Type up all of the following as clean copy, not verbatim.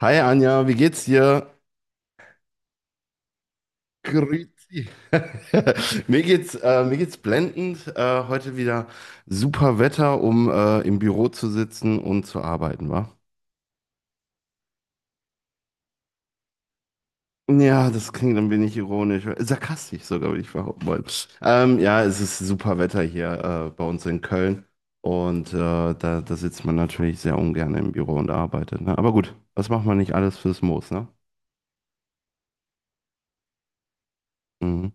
Hi Anja, wie geht's dir? Grüezi. Mir geht's blendend. Heute wieder super Wetter, um im Büro zu sitzen und zu arbeiten, wa? Ja, das klingt ein wenig ironisch, sarkastisch sogar, würde ich behaupten wollen. Ja, es ist super Wetter hier bei uns in Köln und da sitzt man natürlich sehr ungern im Büro und arbeitet, ne? Aber gut, was macht man nicht alles fürs Moos, ne? Mhm.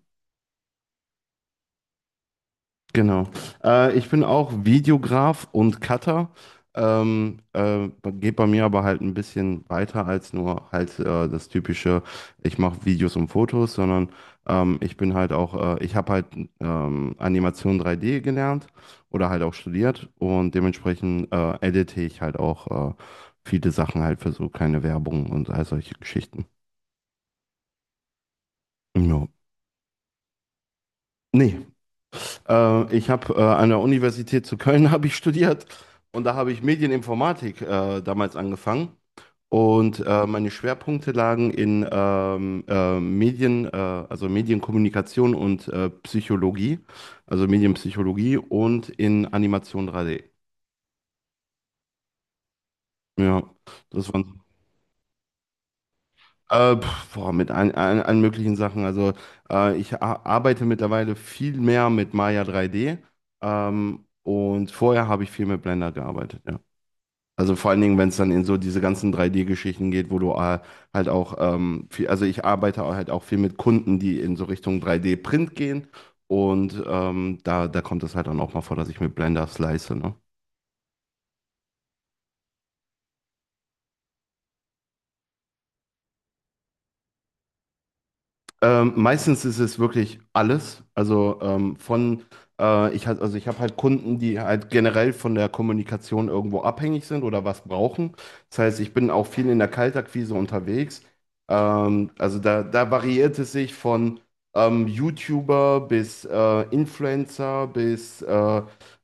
Genau. Ich bin auch Videograf und Cutter. Ähm, äh, Geht bei mir aber halt ein bisschen weiter als nur halt das typische, ich mache Videos und Fotos, sondern ich bin halt auch, ich habe halt Animation 3D gelernt oder halt auch studiert und dementsprechend edite ich halt auch viele Sachen halt für so kleine Werbung und all solche Geschichten. Ja. Nee, ich habe an der Universität zu Köln habe ich studiert und da habe ich Medieninformatik damals angefangen. Und meine Schwerpunkte lagen in Medien, also Medienkommunikation und Psychologie, also Medienpsychologie und in Animation 3D. Ja, das waren so, mit allen möglichen Sachen. Also ich arbeite mittlerweile viel mehr mit Maya 3D, und vorher habe ich viel mit Blender gearbeitet, ja. Also vor allen Dingen, wenn es dann in so diese ganzen 3D-Geschichten geht, wo du halt auch also ich arbeite auch halt auch viel mit Kunden, die in so Richtung 3D-Print gehen. Und da kommt es halt dann auch mal vor, dass ich mit Blender slice, ne? Meistens ist es wirklich alles. Also ich halt, also ich habe halt Kunden, die halt generell von der Kommunikation irgendwo abhängig sind oder was brauchen. Das heißt, ich bin auch viel in der Kaltakquise unterwegs. Also da variiert es sich von YouTuber bis Influencer bis äh,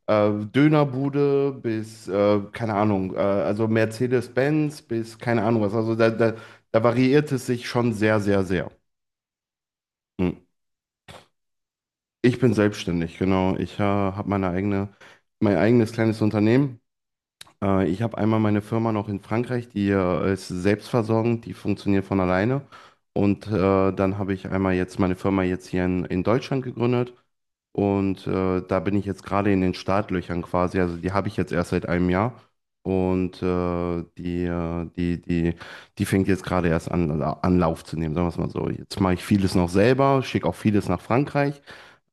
äh, Dönerbude bis, keine Ahnung, also Mercedes-Benz bis keine Ahnung was. Also da variiert es sich schon sehr, sehr, sehr. Hm. Ich bin selbstständig, genau. Ich habe meine eigene, mein eigenes kleines Unternehmen. Ich habe einmal meine Firma noch in Frankreich, die ist selbstversorgend, die funktioniert von alleine. Und dann habe ich einmal jetzt meine Firma jetzt hier in Deutschland gegründet. Und da bin ich jetzt gerade in den Startlöchern quasi. Also die habe ich jetzt erst seit einem Jahr. Und die fängt jetzt gerade erst an, also an Lauf zu nehmen, sagen wir es mal so. Jetzt mache ich vieles noch selber, schicke auch vieles nach Frankreich,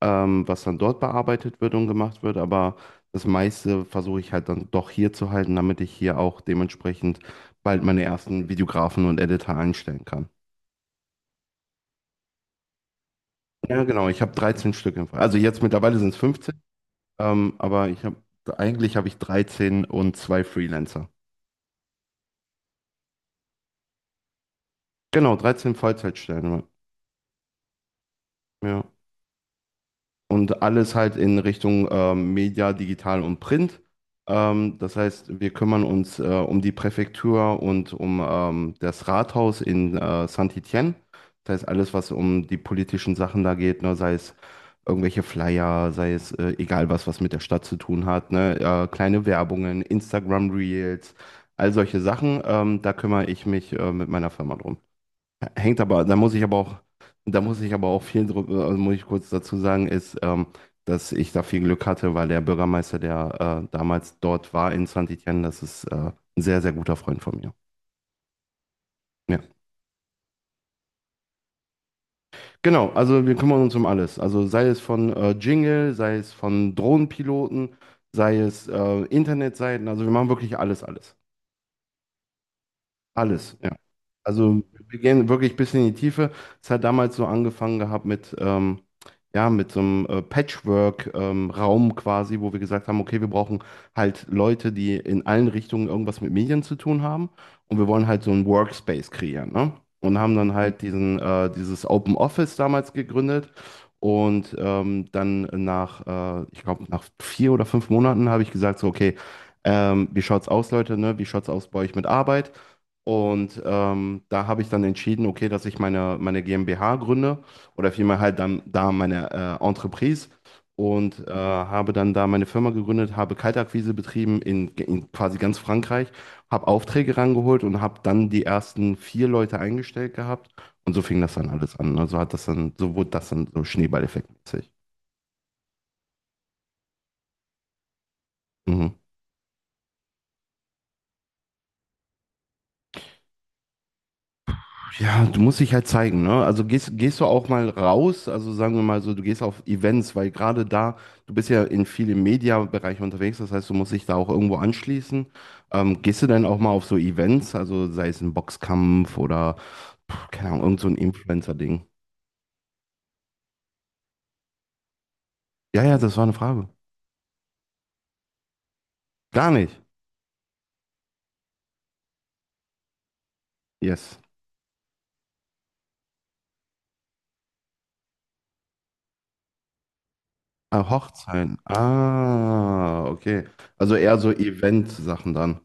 was dann dort bearbeitet wird und gemacht wird. Aber das meiste versuche ich halt dann doch hier zu halten, damit ich hier auch dementsprechend bald meine ersten Videografen und Editor einstellen kann. Ja, genau, ich habe 13 Stück im Fall. Also jetzt mittlerweile sind es 15, aber ich habe eigentlich habe ich 13 und zwei Freelancer. Genau, 13 Vollzeitstellen. Ja. Und alles halt in Richtung Media, Digital und Print. Das heißt, wir kümmern uns um die Präfektur und um das Rathaus in Saint-Étienne. Das heißt, alles, was um die politischen Sachen da geht, ne, sei es irgendwelche Flyer, sei es egal was, was mit der Stadt zu tun hat, ne, kleine Werbungen, Instagram Reels, all solche Sachen, da kümmere ich mich mit meiner Firma drum. Hängt aber, da muss ich aber auch viel drüber, also muss ich kurz dazu sagen, ist, dass ich da viel Glück hatte, weil der Bürgermeister, der damals dort war in Saint-Étienne, das ist ein sehr, sehr guter Freund von mir. Ja. Genau, also wir kümmern uns um alles. Also sei es von Jingle, sei es von Drohnenpiloten, sei es Internetseiten, also wir machen wirklich alles, alles. Alles, ja. Also wir gehen wirklich ein bisschen in die Tiefe. Es hat damals so angefangen gehabt mit, ja, mit so einem Patchwork-Raum quasi, wo wir gesagt haben, okay, wir brauchen halt Leute, die in allen Richtungen irgendwas mit Medien zu tun haben und wir wollen halt so einen Workspace kreieren, ne? Und haben dann halt dieses Open Office damals gegründet und ich glaube, nach vier oder fünf Monaten habe ich gesagt, so, okay, wie schaut's aus, Leute, ne? Wie schaut's aus bei euch mit Arbeit? Und da habe ich dann entschieden, okay, dass ich meine GmbH gründe oder vielmehr halt dann da meine Entreprise, und habe dann da meine Firma gegründet, habe Kaltakquise betrieben in quasi ganz Frankreich, habe Aufträge rangeholt und habe dann die ersten vier Leute eingestellt gehabt und so fing das dann alles an. Also hat das dann, so wurde das dann so schneeballeffektmäßig. Mhm. Ja, du musst dich halt zeigen, ne? Also gehst du auch mal raus, also sagen wir mal so, du gehst auf Events, weil gerade da, du bist ja in vielen Media-Bereichen unterwegs, das heißt, du musst dich da auch irgendwo anschließen. Gehst du denn auch mal auf so Events, also sei es ein Boxkampf oder, keine Ahnung, irgend so ein Influencer-Ding? Ja, ja, das war eine Frage. Gar nicht. Yes. Ah, Hochzeiten. Ah, okay. Also eher so Event-Sachen dann.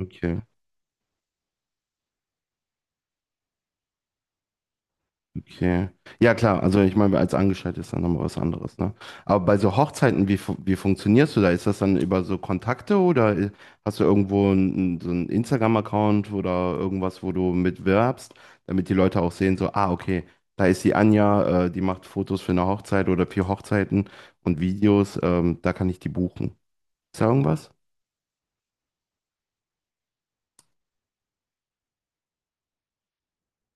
Okay. Okay. Ja, klar. Also ich meine, als Angestellter ist dann nochmal was anderes, ne? Aber bei so Hochzeiten, wie funktionierst du da? Ist das dann über so Kontakte oder hast du irgendwo so einen Instagram-Account oder irgendwas, wo du mitwirbst, damit die Leute auch sehen, so, ah, okay, da ist die Anja, die macht Fotos für eine Hochzeit oder für Hochzeiten und Videos, da kann ich die buchen. Ist da irgendwas?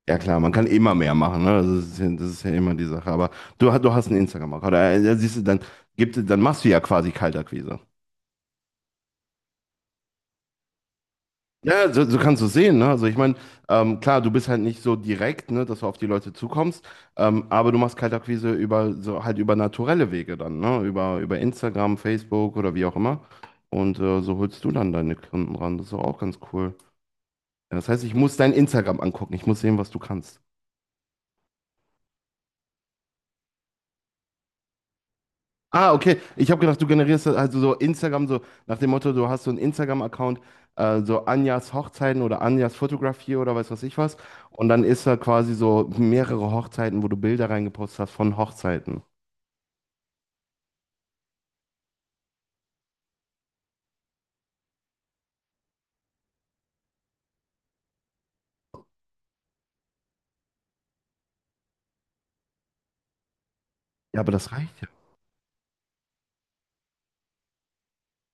Ja klar, man kann immer mehr machen, ne? Das ist ja immer die Sache. Aber du hast einen Instagram-Account. Da siehst du, dann machst du ja quasi Kaltakquise. Ja, so kannst du es sehen, ne? Also ich meine, klar, du bist halt nicht so direkt, ne, dass du auf die Leute zukommst, aber du machst Kaltakquise über so halt über naturelle Wege dann, ne? Über Instagram, Facebook oder wie auch immer. Und so holst du dann deine Kunden ran. Das ist doch auch ganz cool. Ja, das heißt, ich muss dein Instagram angucken. Ich muss sehen, was du kannst. Ah, okay. Ich habe gedacht, also so Instagram, so nach dem Motto, du hast so einen Instagram-Account, so Anjas Hochzeiten oder Anjas Fotografie oder weiß was ich was. Und dann ist da quasi so mehrere Hochzeiten, wo du Bilder reingepostet hast von Hochzeiten. Ja, aber das reicht ja.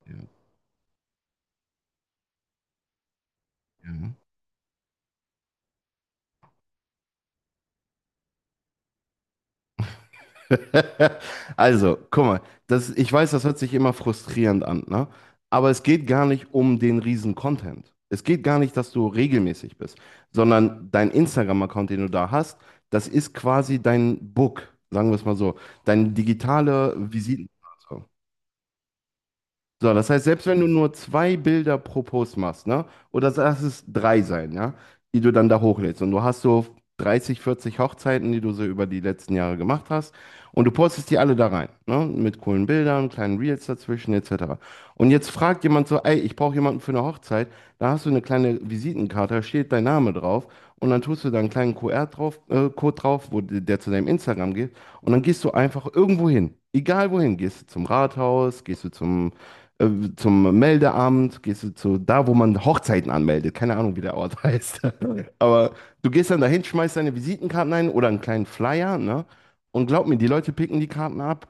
Ja. Ja. Also, guck mal, das, ich weiß, das hört sich immer frustrierend an, ne? Aber es geht gar nicht um den riesen Content. Es geht gar nicht, dass du regelmäßig bist, sondern dein Instagram-Account, den du da hast, das ist quasi dein Book, sagen wir es mal so, deine digitale Visitenkarte. So, das heißt, selbst wenn du nur zwei Bilder pro Post machst, ne? Oder lass es drei sein, ja? Die du dann da hochlädst. Und du hast so 30, 40 Hochzeiten, die du so über die letzten Jahre gemacht hast. Und du postest die alle da rein, ne? Mit coolen Bildern, kleinen Reels dazwischen, etc. Und jetzt fragt jemand so, ey, ich brauche jemanden für eine Hochzeit. Da hast du eine kleine Visitenkarte, da steht dein Name drauf. Und dann tust du da einen kleinen QR-Code drauf, Code drauf, der zu deinem Instagram geht. Und dann gehst du einfach irgendwo hin. Egal wohin. Gehst du zum Rathaus, gehst du zum äh, zum Meldeamt, gehst du zu da, wo man Hochzeiten anmeldet. Keine Ahnung, wie der Ort heißt. Aber du gehst dann dahin, schmeißt deine Visitenkarten ein oder einen kleinen Flyer, ne? Und glaub mir, die Leute picken die Karten ab.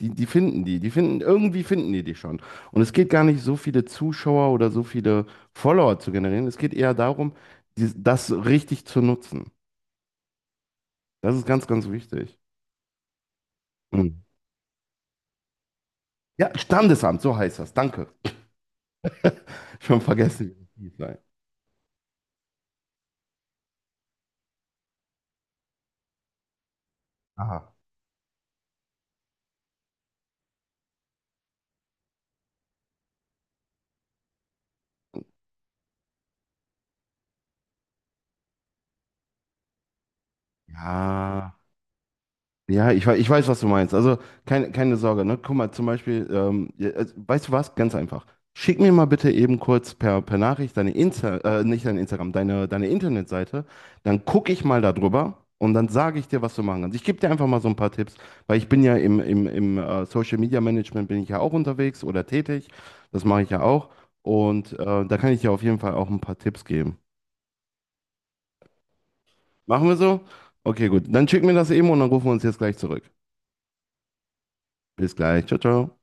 Die finden, irgendwie finden die dich schon. Und es geht gar nicht so viele Zuschauer oder so viele Follower zu generieren. Es geht eher darum, das richtig zu nutzen. Das ist ganz, ganz wichtig. Mhm. Ja, Standesamt, so heißt das. Danke. Schon vergessen, wie das hieß. Nein. Aha. Ja. Ja, ich weiß, was du meinst. Also keine Sorge, ne? Guck mal, zum Beispiel, ja, also, weißt du was? Ganz einfach. Schick mir mal bitte eben kurz per Nachricht deine nicht dein Instagram, deine Internetseite. Dann gucke ich mal darüber und dann sage ich dir, was du machen kannst. Ich gebe dir einfach mal so ein paar Tipps, weil ich bin ja im Social Media Management bin ich ja auch unterwegs oder tätig. Das mache ich ja auch. Und da kann ich dir auf jeden Fall auch ein paar Tipps geben. Machen wir so? Okay, gut. Dann schick mir das eben und dann rufen wir uns jetzt gleich zurück. Bis gleich. Ciao, ciao.